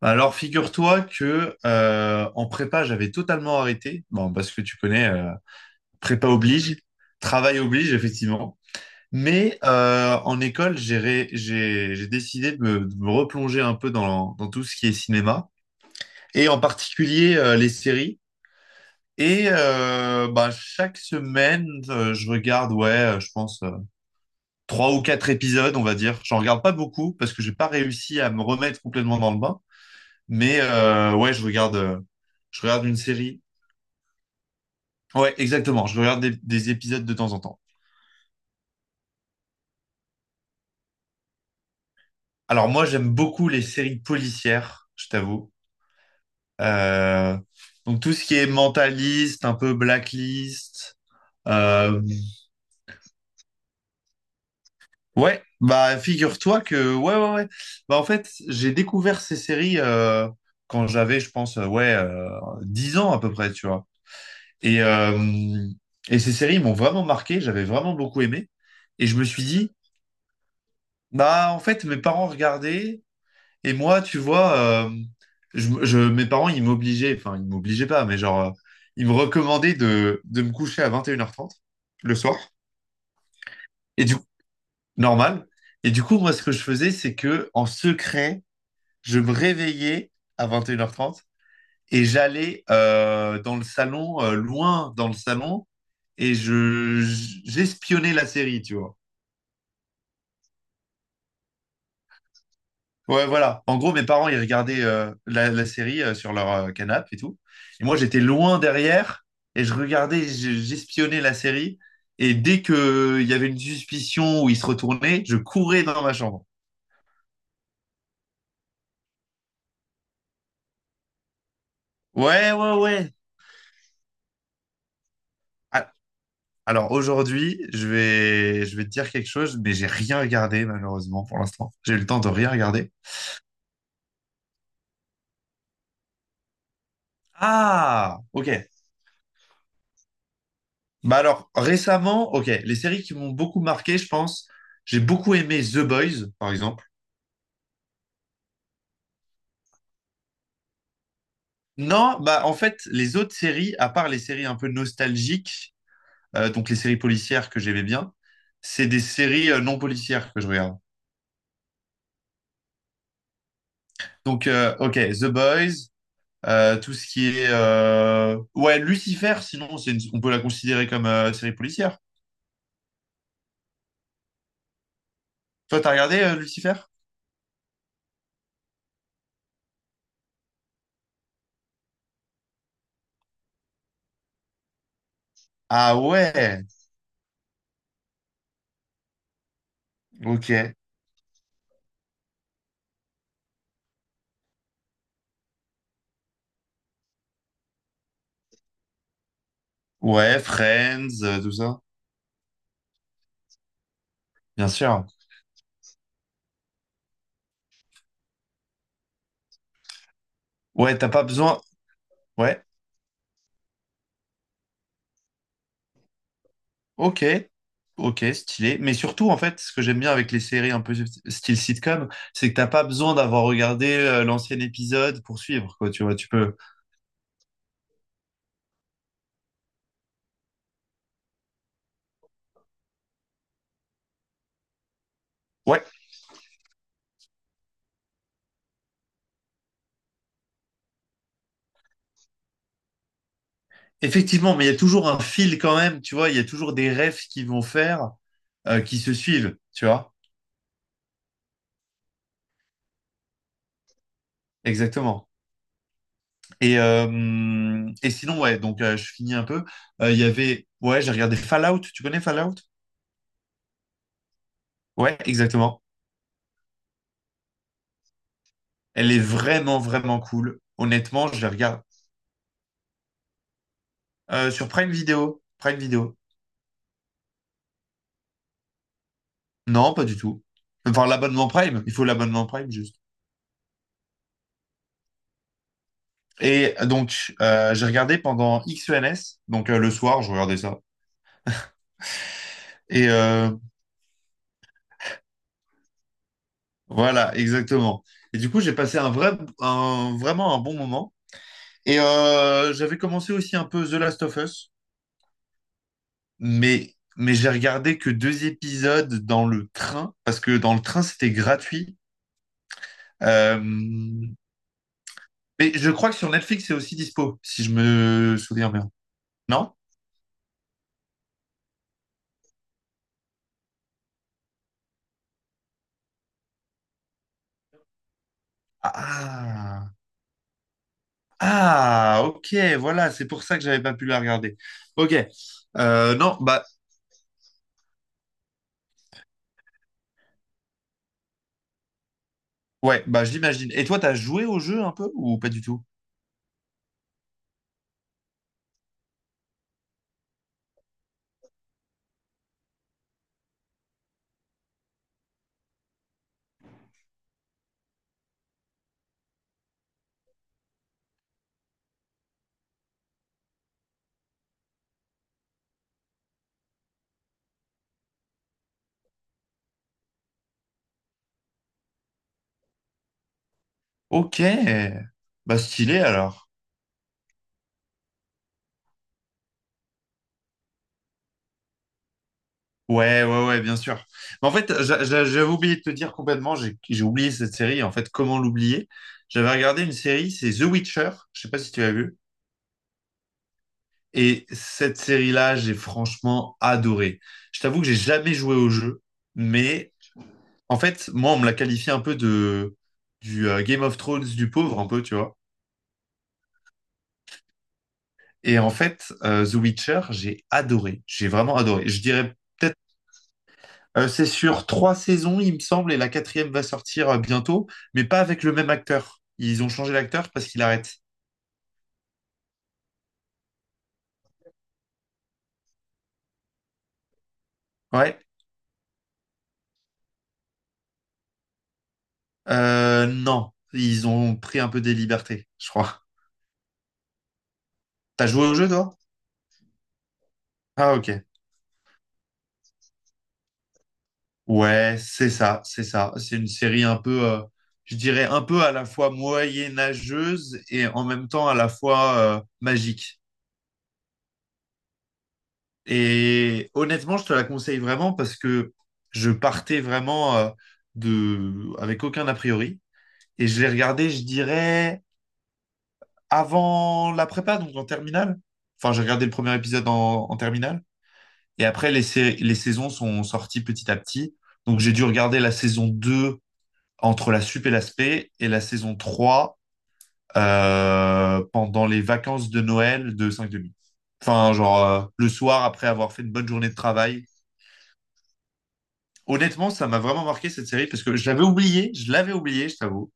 Alors, figure-toi que en prépa, j'avais totalement arrêté. Bon, parce que tu connais, prépa oblige, travail oblige, effectivement. Mais en école, j'ai ré- j'ai décidé de me replonger un peu dans tout ce qui est cinéma, et en particulier les séries. Et bah, chaque semaine, je regarde, ouais, je pense trois ou quatre épisodes, on va dire. J'en regarde pas beaucoup parce que j'ai pas réussi à me remettre complètement dans le bain. Mais ouais, je regarde une série. Ouais, exactement. Je regarde des épisodes de temps en temps. Alors moi, j'aime beaucoup les séries policières, je t'avoue. Euh, donc tout ce qui est mentaliste, un peu blacklist. Euh, ouais, bah figure-toi que ouais, ouais, ouais. Bah en fait, j'ai découvert ces séries quand j'avais, je pense, ouais, 10 ans à peu près, tu vois. Et euh, et ces séries m'ont vraiment marqué. J'avais vraiment beaucoup aimé. Et je me suis dit, bah, en fait, mes parents regardaient, et moi, tu vois, mes parents, ils m'obligeaient, enfin, ils m'obligeaient pas, mais genre, ils me recommandaient de me coucher à 21h30 le soir, et du coup, normal. Et du coup, moi, ce que je faisais, c'est que, en secret, je me réveillais à 21h30 et j'allais dans le salon, loin dans le salon, et j'espionnais la série, tu vois. Ouais, voilà. En gros, mes parents, ils regardaient la série sur leur canapé et tout. Et moi, j'étais loin derrière et je regardais, j'espionnais la série. Et dès que il y avait une suspicion où ils se retournaient, je courais dans ma chambre. Ouais, ouais, ouais. Ah. Alors aujourd'hui, je vais te dire quelque chose, mais j'ai rien regardé malheureusement pour l'instant. J'ai eu le temps de rien regarder. Ah, ok. Bah alors récemment, ok, les séries qui m'ont beaucoup marqué, je pense, j'ai beaucoup aimé The Boys, par exemple. Non, bah en fait, les autres séries, à part les séries un peu nostalgiques, donc les séries policières que j'aimais bien, c'est des séries non policières que je regarde. Donc, ok, The Boys, tout ce qui est ouais, Lucifer, sinon, on peut la considérer comme série policière. Toi, t'as regardé Lucifer? Ah ouais, ok. Ouais, Friends, tout ça. Bien sûr. Ouais, t'as pas besoin. Ouais. Ok, ok, stylé. Mais surtout, en fait, ce que j'aime bien avec les séries un peu style sitcom, c'est que t'as pas besoin d'avoir regardé l'ancien épisode pour suivre, quoi. Tu vois, tu peux. Ouais, effectivement, mais il y a toujours un fil quand même, tu vois. Il y a toujours des refs qui vont faire, qui se suivent, tu vois. Exactement. Et sinon, ouais, donc je finis un peu. Il y avait, ouais, j'ai regardé Fallout. Tu connais Fallout? Ouais, exactement. Elle est vraiment, vraiment cool. Honnêtement, je la regarde sur Prime Video. Prime Video. Non, pas du tout. Enfin, l'abonnement Prime, il faut l'abonnement Prime juste. Et donc, j'ai regardé pendant XENS, donc le soir, je regardais ça. Et voilà, exactement. Et du coup, j'ai passé un vrai, vraiment un bon moment. Et j'avais commencé aussi un peu The Last of Us, mais j'ai regardé que deux épisodes dans le train, parce que dans le train, c'était gratuit. Euh, mais je crois que sur Netflix, c'est aussi dispo, si je me souviens bien. Non? Ah! Ah, ok, voilà, c'est pour ça que j'avais pas pu la regarder. Ok. Non, bah ouais, bah je l'imagine. Et toi, t'as joué au jeu un peu ou pas du tout? Ok. Bah stylé alors. Ouais, ouais, ouais, bien sûr. Mais en fait, j'avais oublié de te dire complètement, j'ai oublié cette série. En fait, comment l'oublier? J'avais regardé une série, c'est The Witcher. Je sais pas si tu l'as vu. Et cette série-là, j'ai franchement adoré. Je t'avoue que j'ai jamais joué au jeu, mais en fait, moi, on me l'a qualifié un peu de du Game of Thrones du pauvre, un peu, tu vois. Et en fait, The Witcher, j'ai adoré. J'ai vraiment adoré. Je dirais peut-être, c'est sur trois saisons, il me semble, et la quatrième va sortir bientôt, mais pas avec le même acteur. Ils ont changé l'acteur parce qu'il arrête. Ouais. Non, ils ont pris un peu des libertés, je crois. T'as joué au jeu, toi? Ah, ok. Ouais, c'est ça, c'est ça. C'est une série un peu, je dirais, un peu à la fois moyenâgeuse et en même temps à la fois magique. Et honnêtement, je te la conseille vraiment parce que je partais vraiment avec aucun a priori. Et je l'ai regardé, je dirais, avant la prépa, donc en terminale. Enfin, j'ai regardé le premier épisode en terminale. Et après, les saisons sont sorties petit à petit. Donc, j'ai dû regarder la saison deux, entre la sup et l'aspect et la saison trois, pendant les vacances de Noël de cinq demi. Enfin, genre le soir après avoir fait une bonne journée de travail. Honnêtement, ça m'a vraiment marqué cette série parce que je l'avais oublié, je l'avais oublié, je t'avoue.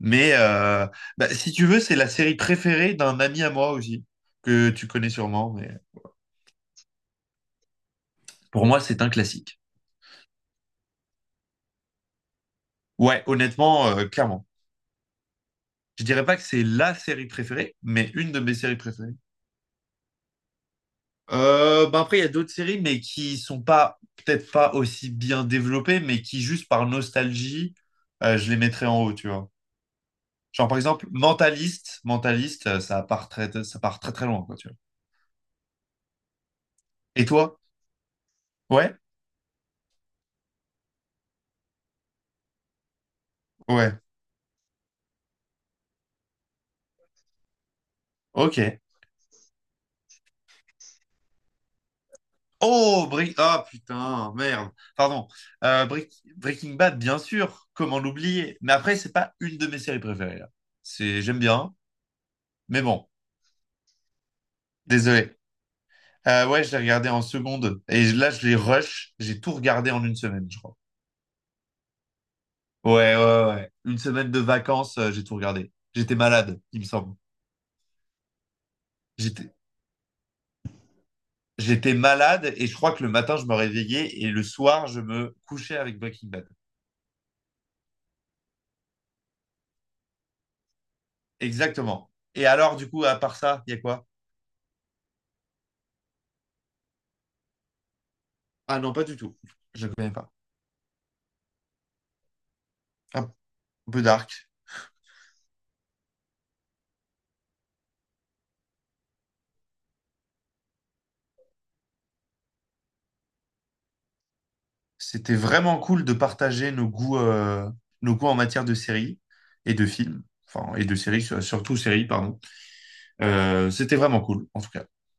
Mais bah, si tu veux, c'est la série préférée d'un ami à moi aussi, que tu connais sûrement. Mais pour moi, c'est un classique. Ouais, honnêtement, clairement. Je dirais pas que c'est la série préférée, mais une de mes séries préférées. Bah après, il y a d'autres séries, mais qui sont pas, peut-être pas aussi bien développées, mais qui, juste par nostalgie, je les mettrais en haut, tu vois. Genre, par exemple, Mentaliste, Mentaliste, ça part très très loin, quoi, tu vois. Et toi? Ouais? Ouais. Ok. Oh, Break... Ah, putain, merde. Pardon. Breaking Bad, bien sûr. Comment l'oublier? Mais après, c'est pas une de mes séries préférées, là. C'est... J'aime bien, mais bon. Désolé. Ouais, je l'ai regardé en seconde. Et là, je l'ai rush. J'ai tout regardé en une semaine, je crois. Ouais, ouais, ouais. Une semaine de vacances, j'ai tout regardé. J'étais malade, il me semble. J'étais, j'étais malade et je crois que le matin, je me réveillais et le soir, je me couchais avec Breaking Bad. Exactement. Et alors, du coup, à part ça, il y a quoi? Ah non, pas du tout. Je ne connais pas. Un peu dark. C'était vraiment cool de partager nos goûts en matière de séries et de films. Enfin, et de séries, surtout séries, pardon. C'était vraiment cool, en tout cas.